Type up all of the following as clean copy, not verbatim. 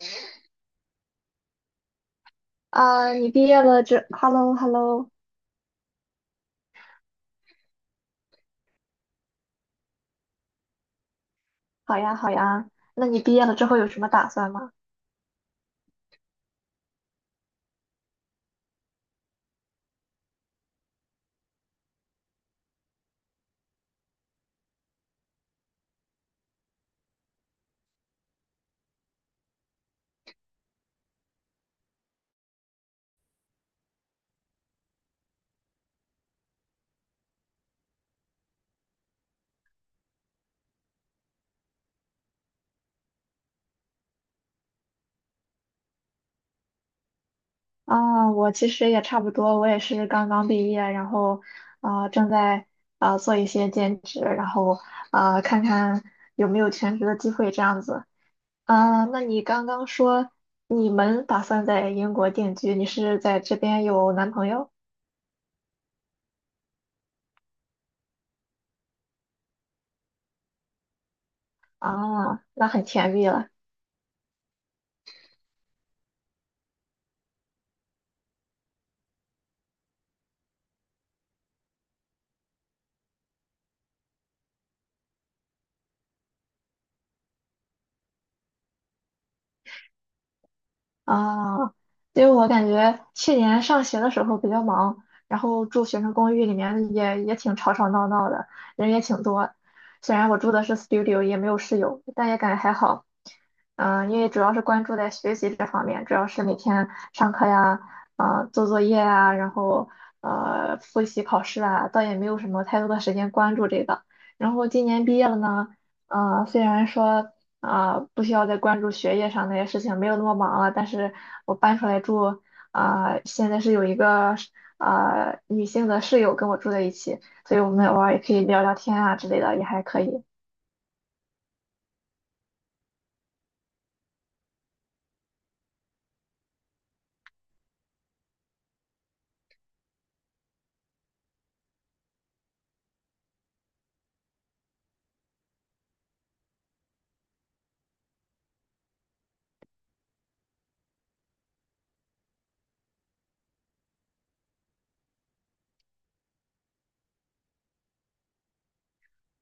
啊，你毕业了之，hello hello，好呀好呀。那你毕业了之后有什么打算吗？啊，我其实也差不多，我也是刚刚毕业，然后啊，正在啊做一些兼职，然后啊看看有没有全职的机会这样子。啊，那你刚刚说你们打算在英国定居，你是在这边有男朋友啊？那很甜蜜了。啊，因为我感觉去年上学的时候比较忙，然后住学生公寓里面也挺吵吵闹闹的，人也挺多。虽然我住的是 studio，也没有室友，但也感觉还好。因为主要是关注在学习这方面，主要是每天上课呀，啊、做作业啊，然后复习考试啊，倒也没有什么太多的时间关注这个。然后今年毕业了呢，啊，虽然说。啊、不需要再关注学业上那些事情，没有那么忙了。但是我搬出来住啊、现在是有一个啊、女性的室友跟我住在一起，所以我们偶尔也可以聊聊天啊之类的，也还可以。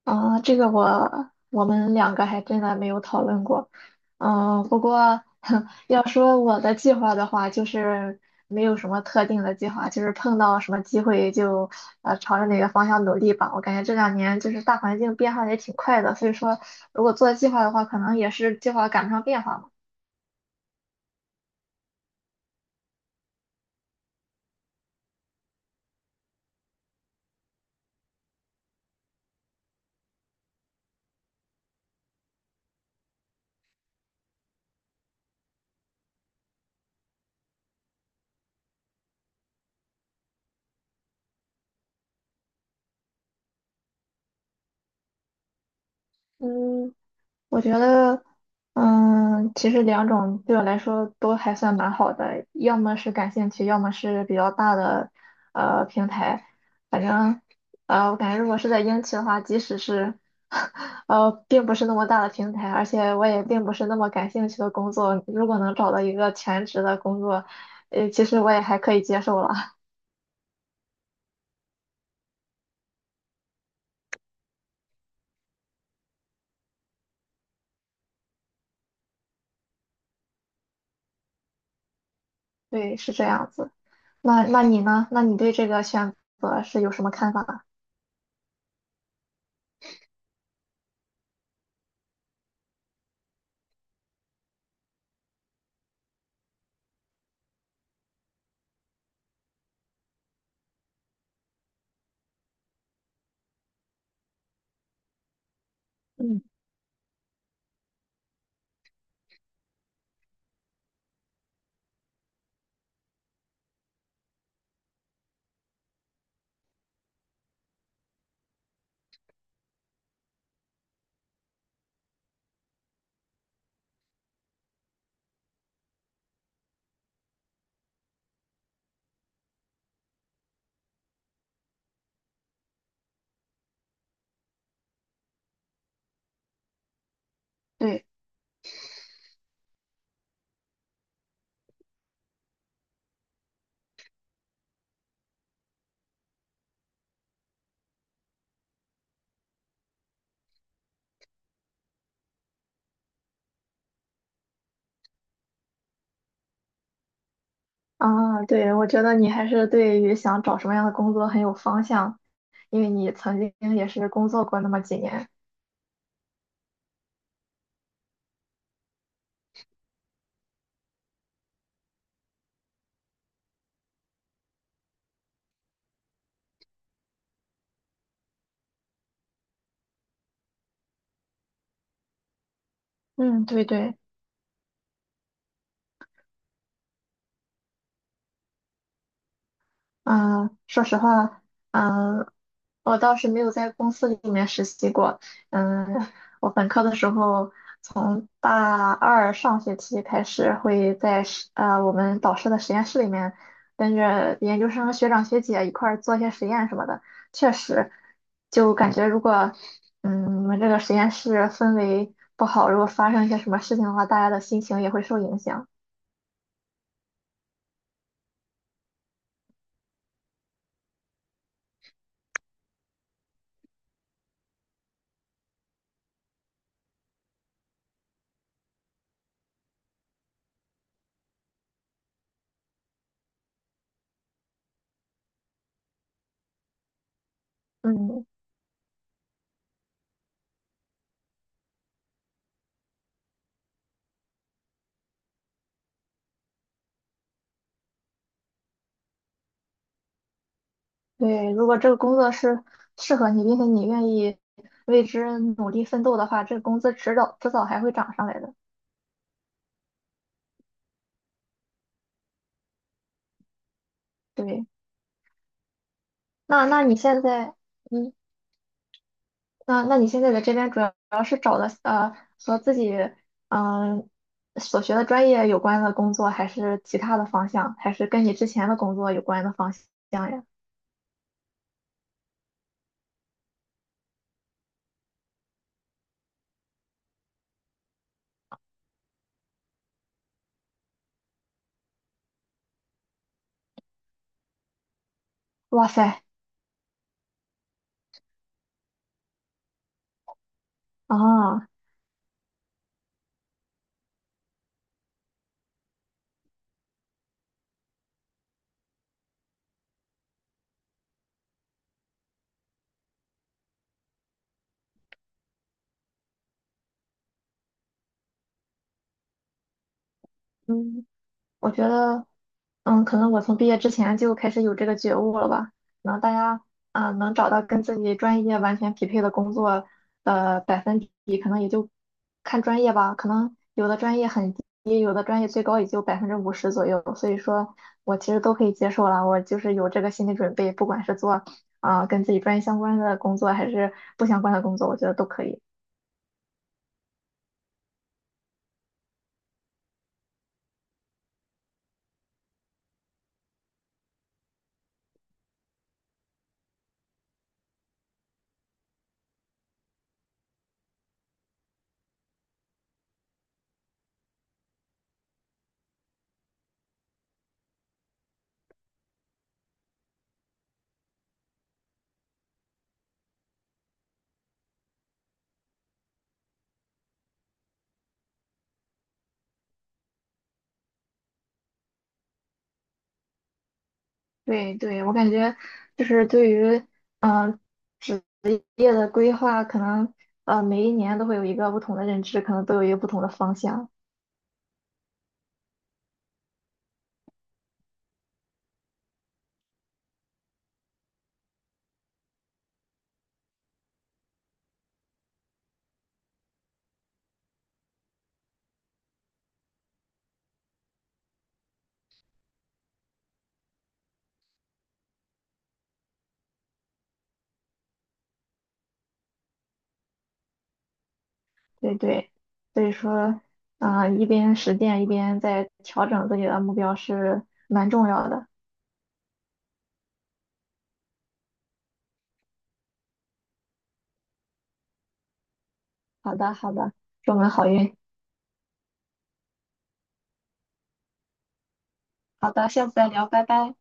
啊，这个我们两个还真的没有讨论过。嗯，不过 要说我的计划的话，就是没有什么特定的计划，就是碰到什么机会就朝着哪个方向努力吧。我感觉这两年就是大环境变化也挺快的，所以说如果做计划的话，可能也是计划赶不上变化嘛。嗯，我觉得，其实两种对我来说都还算蛮好的，要么是感兴趣，要么是比较大的平台。反正，我感觉如果是在英企的话，即使是 并不是那么大的平台，而且我也并不是那么感兴趣的工作，如果能找到一个全职的工作，其实我也还可以接受了。对，是这样子。那你呢？那你对这个选择是有什么看法？嗯。对。啊，对，我觉得你还是对于想找什么样的工作很有方向，因为你曾经也是工作过那么几年。嗯，对对。嗯，说实话，嗯，我倒是没有在公司里面实习过。嗯，我本科的时候，从大二上学期开始，会在我们导师的实验室里面，跟着研究生学长学姐一块儿做一些实验什么的。确实，就感觉如果我们这个实验室氛围不好，如果发生一些什么事情的话，大家的心情也会受影响。嗯，对，如果这个工作是适合你，并且你愿意为之努力奋斗的话，这个工资迟早迟早还会涨上来的。对，那你现在，嗯，那你现在在这边主要是找的和自己嗯、所学的专业有关的工作，还是其他的方向，还是跟你之前的工作有关的方向呀？哇塞啊！嗯。我觉得，可能我从毕业之前就开始有这个觉悟了吧。可能大家啊，能找到跟自己专业完全匹配的工作的百分比，可能也就看专业吧。可能有的专业很低，有的专业最高也就50%左右。所以说我其实都可以接受了。我就是有这个心理准备，不管是做啊跟自己专业相关的工作，还是不相关的工作，我觉得都可以。对对，我感觉就是对于嗯。呃业的规划可能每一年都会有一个不同的认知，可能都有一个不同的方向。对对，所以说啊、一边实践一边在调整自己的目标是蛮重要的。好的好的，祝我们好运。好的，下次再聊，拜拜。